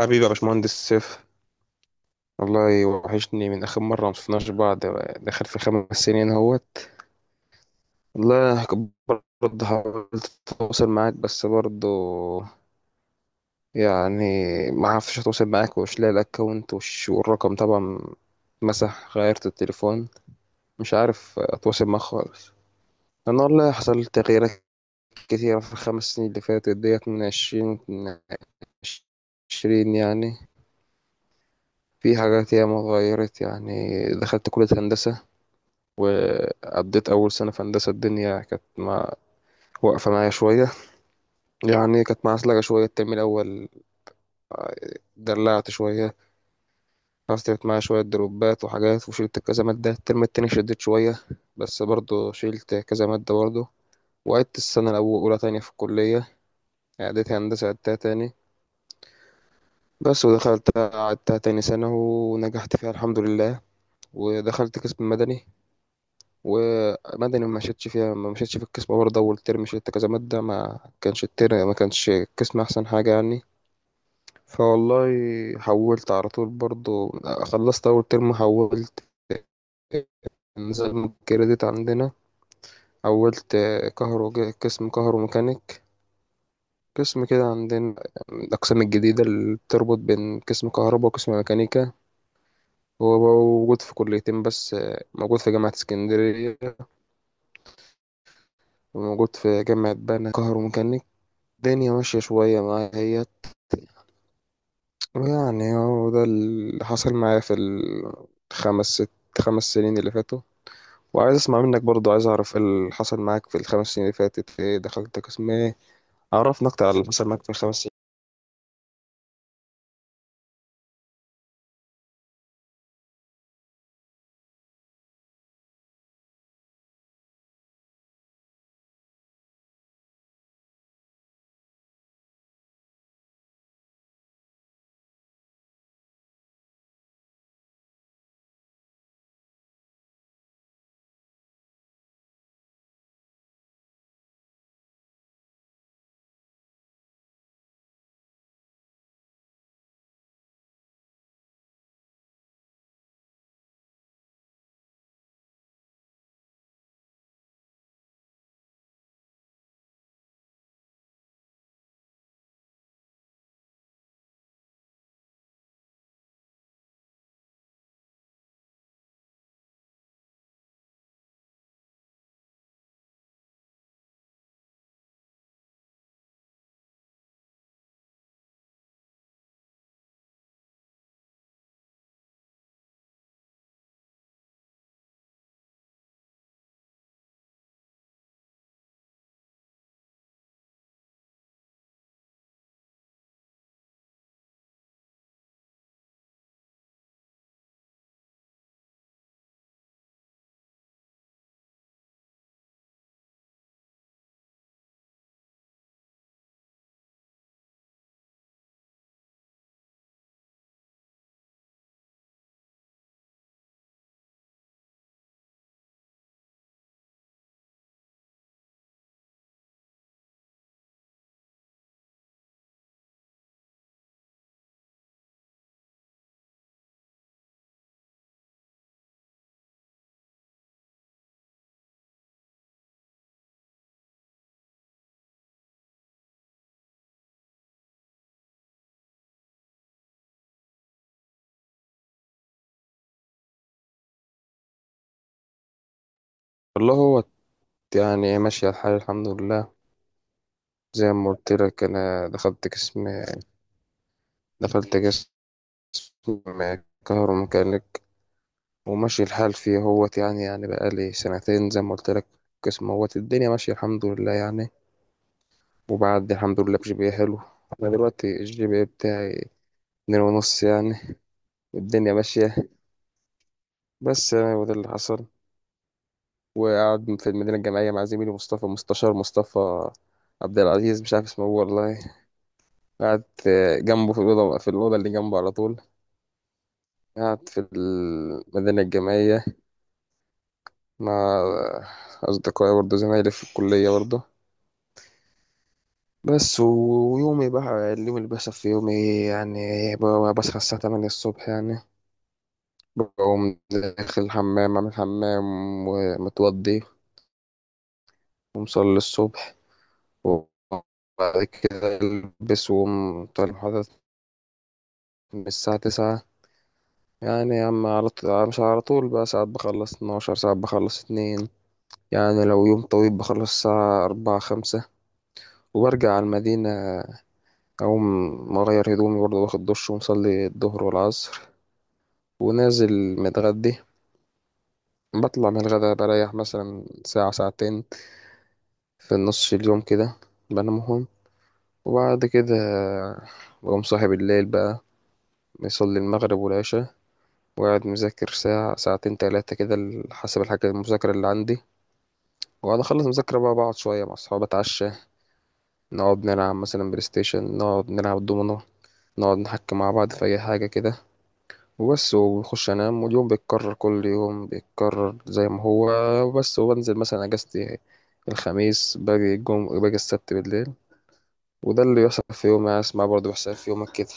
حبيبي يا باشمهندس سيف. والله وحشني من آخر مرة مشفناش بعض، داخل في 5 سنين اهوت. والله برضه حاولت أتواصل معاك، بس برضه يعني ما عرفتش أتواصل معاك، ومش لاقي الأكونت والرقم طبعا مسح، غيرت التليفون، مش عارف أتواصل معاك خالص. أنا والله حصل تغييرات كتيرة في ال5 سنين اللي فاتت ديت، من عشرين يعني. في حاجات ياما اتغيرت، يعني دخلت كلية هندسة، وقضيت أول سنة في هندسة. الدنيا كانت واقفة معايا شوية، يعني كانت معسلكة شوية. الترم الأول دلعت شوية، حصلت معايا شوية دروبات وحاجات وشلت كذا مادة. الترم التاني شديت شوية، بس برضه شيلت كذا مادة برضه. وعدت السنة الأولى تانية في الكلية. عدت هندسة، عدتها تاني، بس ودخلت عدتها تاني سنة ونجحت فيها الحمد لله. ودخلت قسم مدني، ومدني ما مشيتش في القسم، برضه أول ترم شلت كذا مادة. ما كانش القسم أحسن حاجة يعني. فوالله حولت على طول برضه، خلصت أول ترم حولت، نظام الكريدت عندنا. حولت كهرو قسم كهرو ميكانيك. قسم كده عندنا، من الأقسام الجديدة اللي بتربط بين قسم كهرباء وقسم ميكانيكا. هو موجود في كليتين بس، موجود في جامعة اسكندرية، وموجود في جامعة بنها، كهرو ميكانيك. الدنيا ماشية شوية معايا اهيت، يعني هو ده اللي حصل معايا في الخمس ست خمس سنين اللي فاتوا. وعايز اسمع منك برضو، عايز اعرف إيه اللي حصل معاك في الخمس سنين اللي فاتت، ايه دخلت قسم ايه، عرفنا اكتر على اللي حصل معاك في الخمس سنين. والله هو يعني ماشية الحال الحمد لله، زي ما قلت لك انا دخلت قسم كهروميكانيك. وماشي الحال فيه هوت يعني، يعني بقالي سنتين زي ما قلت لك. قسم هوت، الدنيا ماشية الحمد لله يعني. وبعد الحمد لله بجي بي حلو، انا دلوقتي الجي بي إيه بتاعي اتنين ونص يعني، والدنيا ماشية. بس يعني، وده اللي حصل. وقاعد في المدينة الجامعية مع زميلي مصطفى، مستشار مصطفى عبد العزيز مش عارف اسمه هو والله. قاعد جنبه في الأوضة، اللي جنبه على طول. قاعد في المدينة الجامعية مع أصدقائي برضه، زمايلي في الكلية برضه. بس ويومي بقى، اليوم اللي بيحصل في يومي يعني، بصحى الساعة 8 الصبح يعني. بقوم داخل الحمام أعمل حمام، ومتوضي، ومصلي الصبح. وبعد كده ألبس وأقوم طالع المحاضرة من الساعة 9. يعني يا عم على طول، مش على طول بقى، ساعات بخلص اتناشر، ساعات بخلص اتنين، يعني لو يوم طويل بخلص الساعة أربعة خمسة. وبرجع على المدينة، أقوم أغير هدومي برضه، واخد دش، ومصلي الظهر والعصر. ونازل متغدي، بطلع من الغدا بريح مثلا ساعة ساعتين في نص اليوم كده، بنامهم. وبعد كده بقوم صاحي بالليل بقى، بيصلي المغرب والعشاء. وقاعد مذاكر ساعة ساعتين تلاتة كده، حسب الحاجة المذاكرة اللي عندي. وبعد أخلص مذاكرة بقى، بقعد شوية مع أصحابي، أتعشى. نقعد نلعب مثلا بلاي ستيشن، نقعد نلعب دومينو، نقعد نحكي مع بعض في أي حاجة كده. وبس، وبخش أنام. واليوم بيتكرر، كل يوم بيتكرر زي ما هو. وبس. وبنزل مثلا أجازتي الخميس، باجي باجي السبت بالليل. وده اللي بيحصل في يومي أنا. اسمع برضه بيحصل في يومك كده.